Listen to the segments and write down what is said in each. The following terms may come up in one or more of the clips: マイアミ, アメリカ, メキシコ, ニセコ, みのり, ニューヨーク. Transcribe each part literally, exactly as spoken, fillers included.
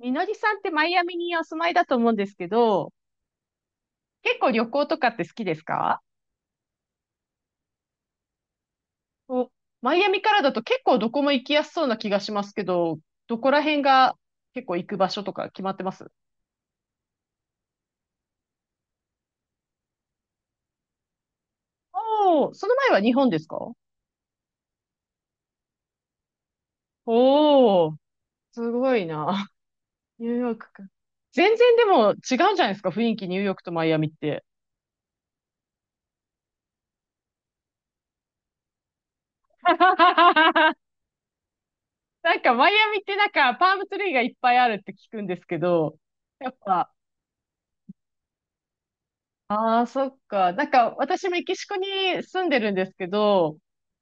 みのりさんってマイアミにお住まいだと思うんですけど、結構旅行とかって好きですか？お、マイアミからだと結構どこも行きやすそうな気がしますけど、どこら辺が結構行く場所とか決まってます？おー、その前は日本ですか？おー、すごいな。ニューヨークか。全然でも違うんじゃないですか？雰囲気ニューヨークとマイアミって。なんかマイアミってなんかパームツリーがいっぱいあるって聞くんですけど、やっぱああ、そっか。なんか、私メキシコに住んでるんですけど、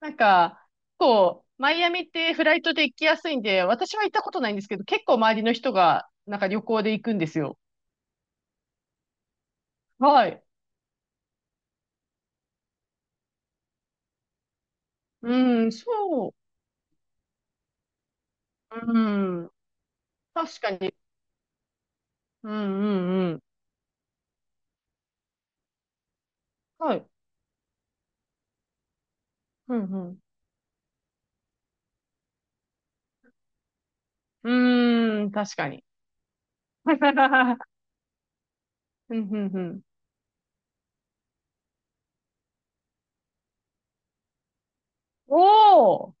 なんか、こう、マイアミってフライトで行きやすいんで、私は行ったことないんですけど、結構周りの人が、なんか旅行で行くんですよ。はい。うん、そう。うん。確かに。うん、うん、うん。はい。うん、うん。うーん、確かに。うん、うん、うん。おー。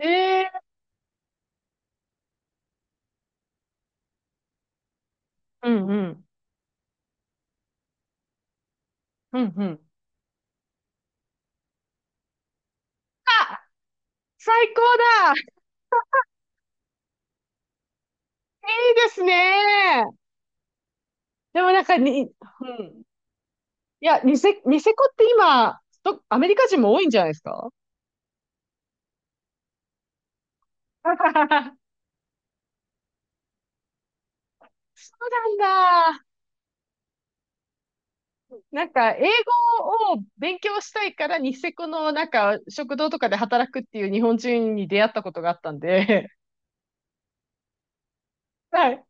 ええー。うん、うん。うん、うん。あ、最高だ。いいですね。でもなんかに、うん。いや、ニセ、ニセコって今、どアメリカ人も多いんじゃないですか？ そうなんだ。なんか、英語を勉強したいから、ニセコのなんか、食堂とかで働くっていう日本人に出会ったことがあったんで。はい。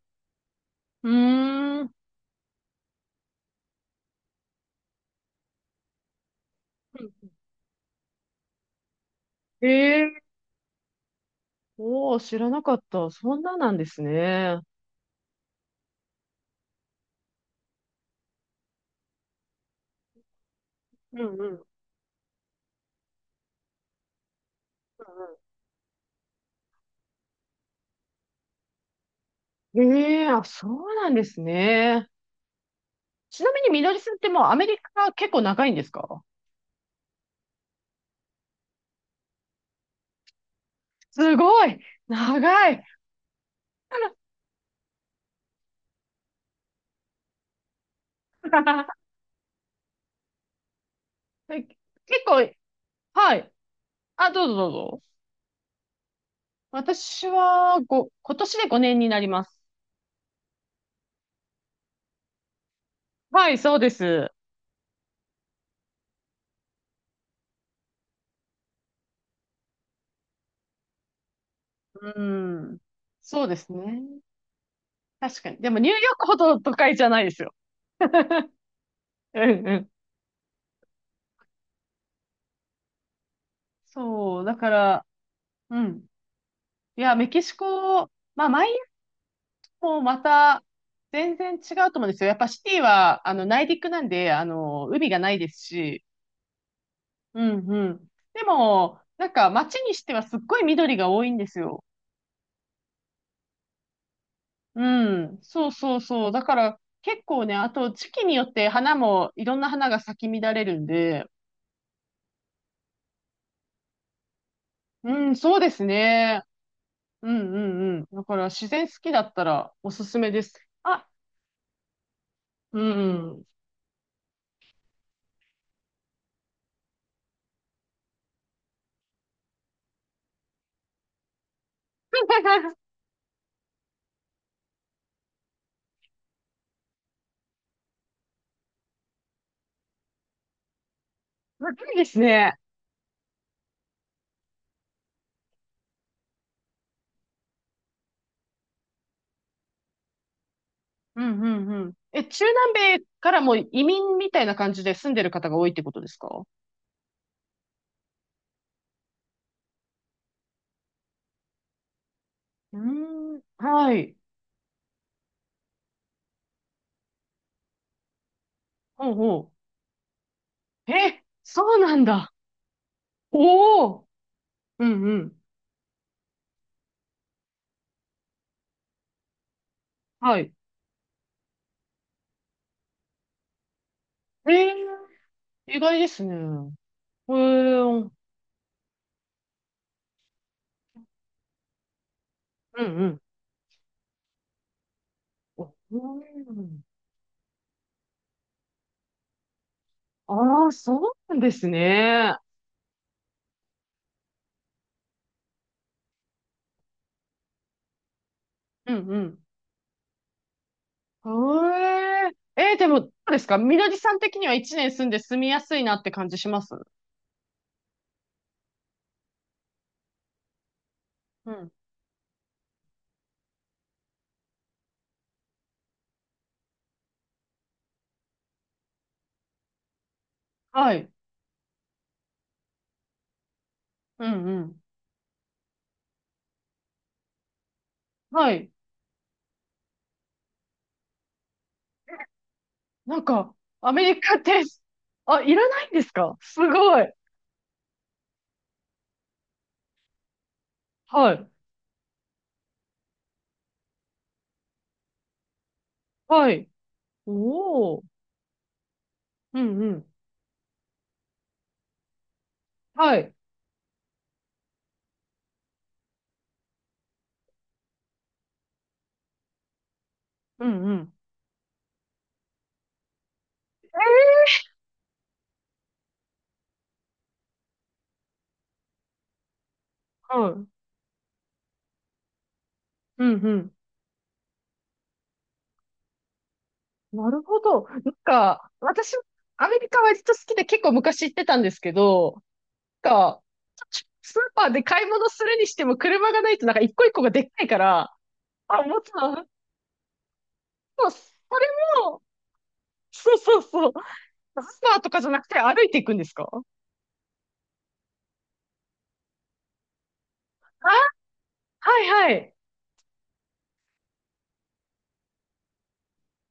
うーん。ええ、おおー、知らなかった。そんななんですね。うんうん。うんうん、ええ、あ、そうなんですね。ちなみに、みのりさんってもうアメリカ結構長いんですか？すごい長い。 え、結構、はい。あ、どうぞどうぞ。私はご、今年でごねんになります。はい、そうです。うん。そうですね。確かに。でもニューヨークほど都会じゃないですよ。うんうん。そう。だから、うん。いや、メキシコ、まあ、マイアミもまた全然違うと思うんですよ。やっぱシティは、あの、内陸なんで、あの、海がないですし、うんうん。でも、なんか街にしてはすっごい緑が多いんですよ。うん。そうそうそう。だから結構ね、あと時期によって花も、いろんな花が咲き乱れるんで、うん、そうですね。うんうんうん。だから自然好きだったらおすすめです。あ、うん。若いですね。うんうんうん。え、中南米からも移民みたいな感じで住んでる方が多いってことですか？うーん。はい。ほうほう。え、そうなんだ。おお、うんうん。はい。ええ、意外ですね。ええ、うんうん。おうん、ああ、そうなんですね。うんうん。ええ、えー、でも、どうですかみのりさん的には一年住んで住みやすいなって感じします？うん。はい。うんうん。はい。なんか、アメリカって、あ、いらないんですか？すごい。はい。はい。おお。うんうん。はい。うんうん。はい。うんうん。なるほど。なんか、私、アメリカ割と好きで結構昔行ってたんですけど、なんか、スーパーで買い物するにしても車がないとなんか一個一個がでっかいから、あ、もちろん、そう、それも、そうそうそう、スーパーとかじゃなくて歩いていくんですか？あ、はいはい。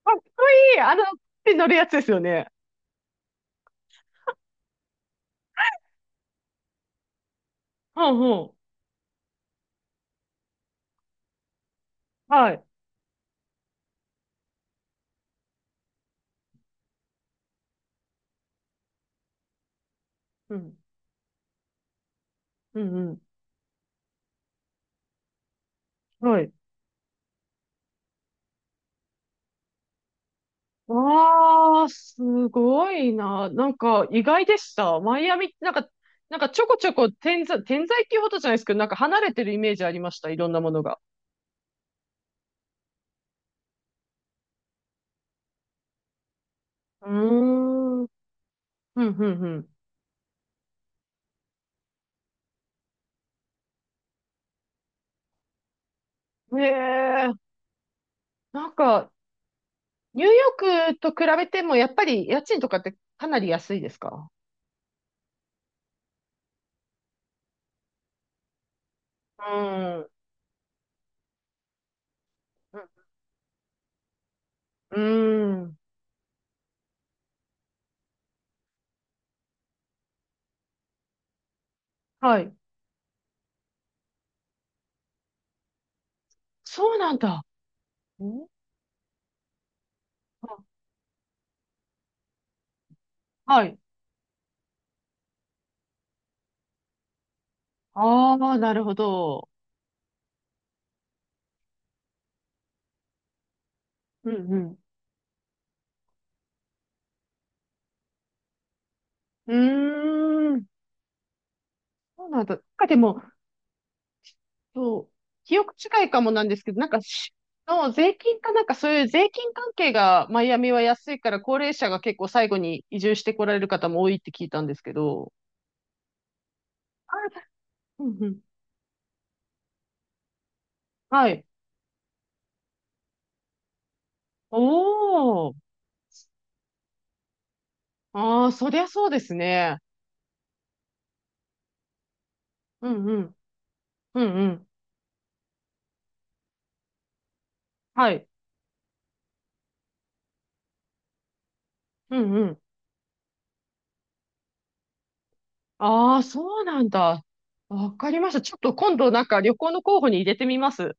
かっこいい。あの、手乗るやつですよね。うんうん。はい。うん。うんうん。わあ、すごいな。なんか意外でした。マイアミってなんか、なんかちょこちょこ点在、点在っていうほどじゃないですけど、なんか離れてるイメージありました。いろんなものが。うーん。うん、うん、うん。へえ。なんか、ニューヨークと比べても、やっぱり家賃とかってかなり安いですか？うーん。うん。うーん、はい。そうなんだ。んあ、はい。ああ、なるほど。うんうん。うーん。そうなんだ。なんかでも、そう、記憶違いかもなんですけど、なんかし、の税金かなんかそういう税金関係がマイアミは安いから高齢者が結構最後に移住してこられる方も多いって聞いたんですけど。あ、うんうん。はい。おー。ああ、そりゃそうですね。うんうん。うんうん。はい。うんうん。ああ、そうなんだ。わかりました。ちょっと今度なんか旅行の候補に入れてみます。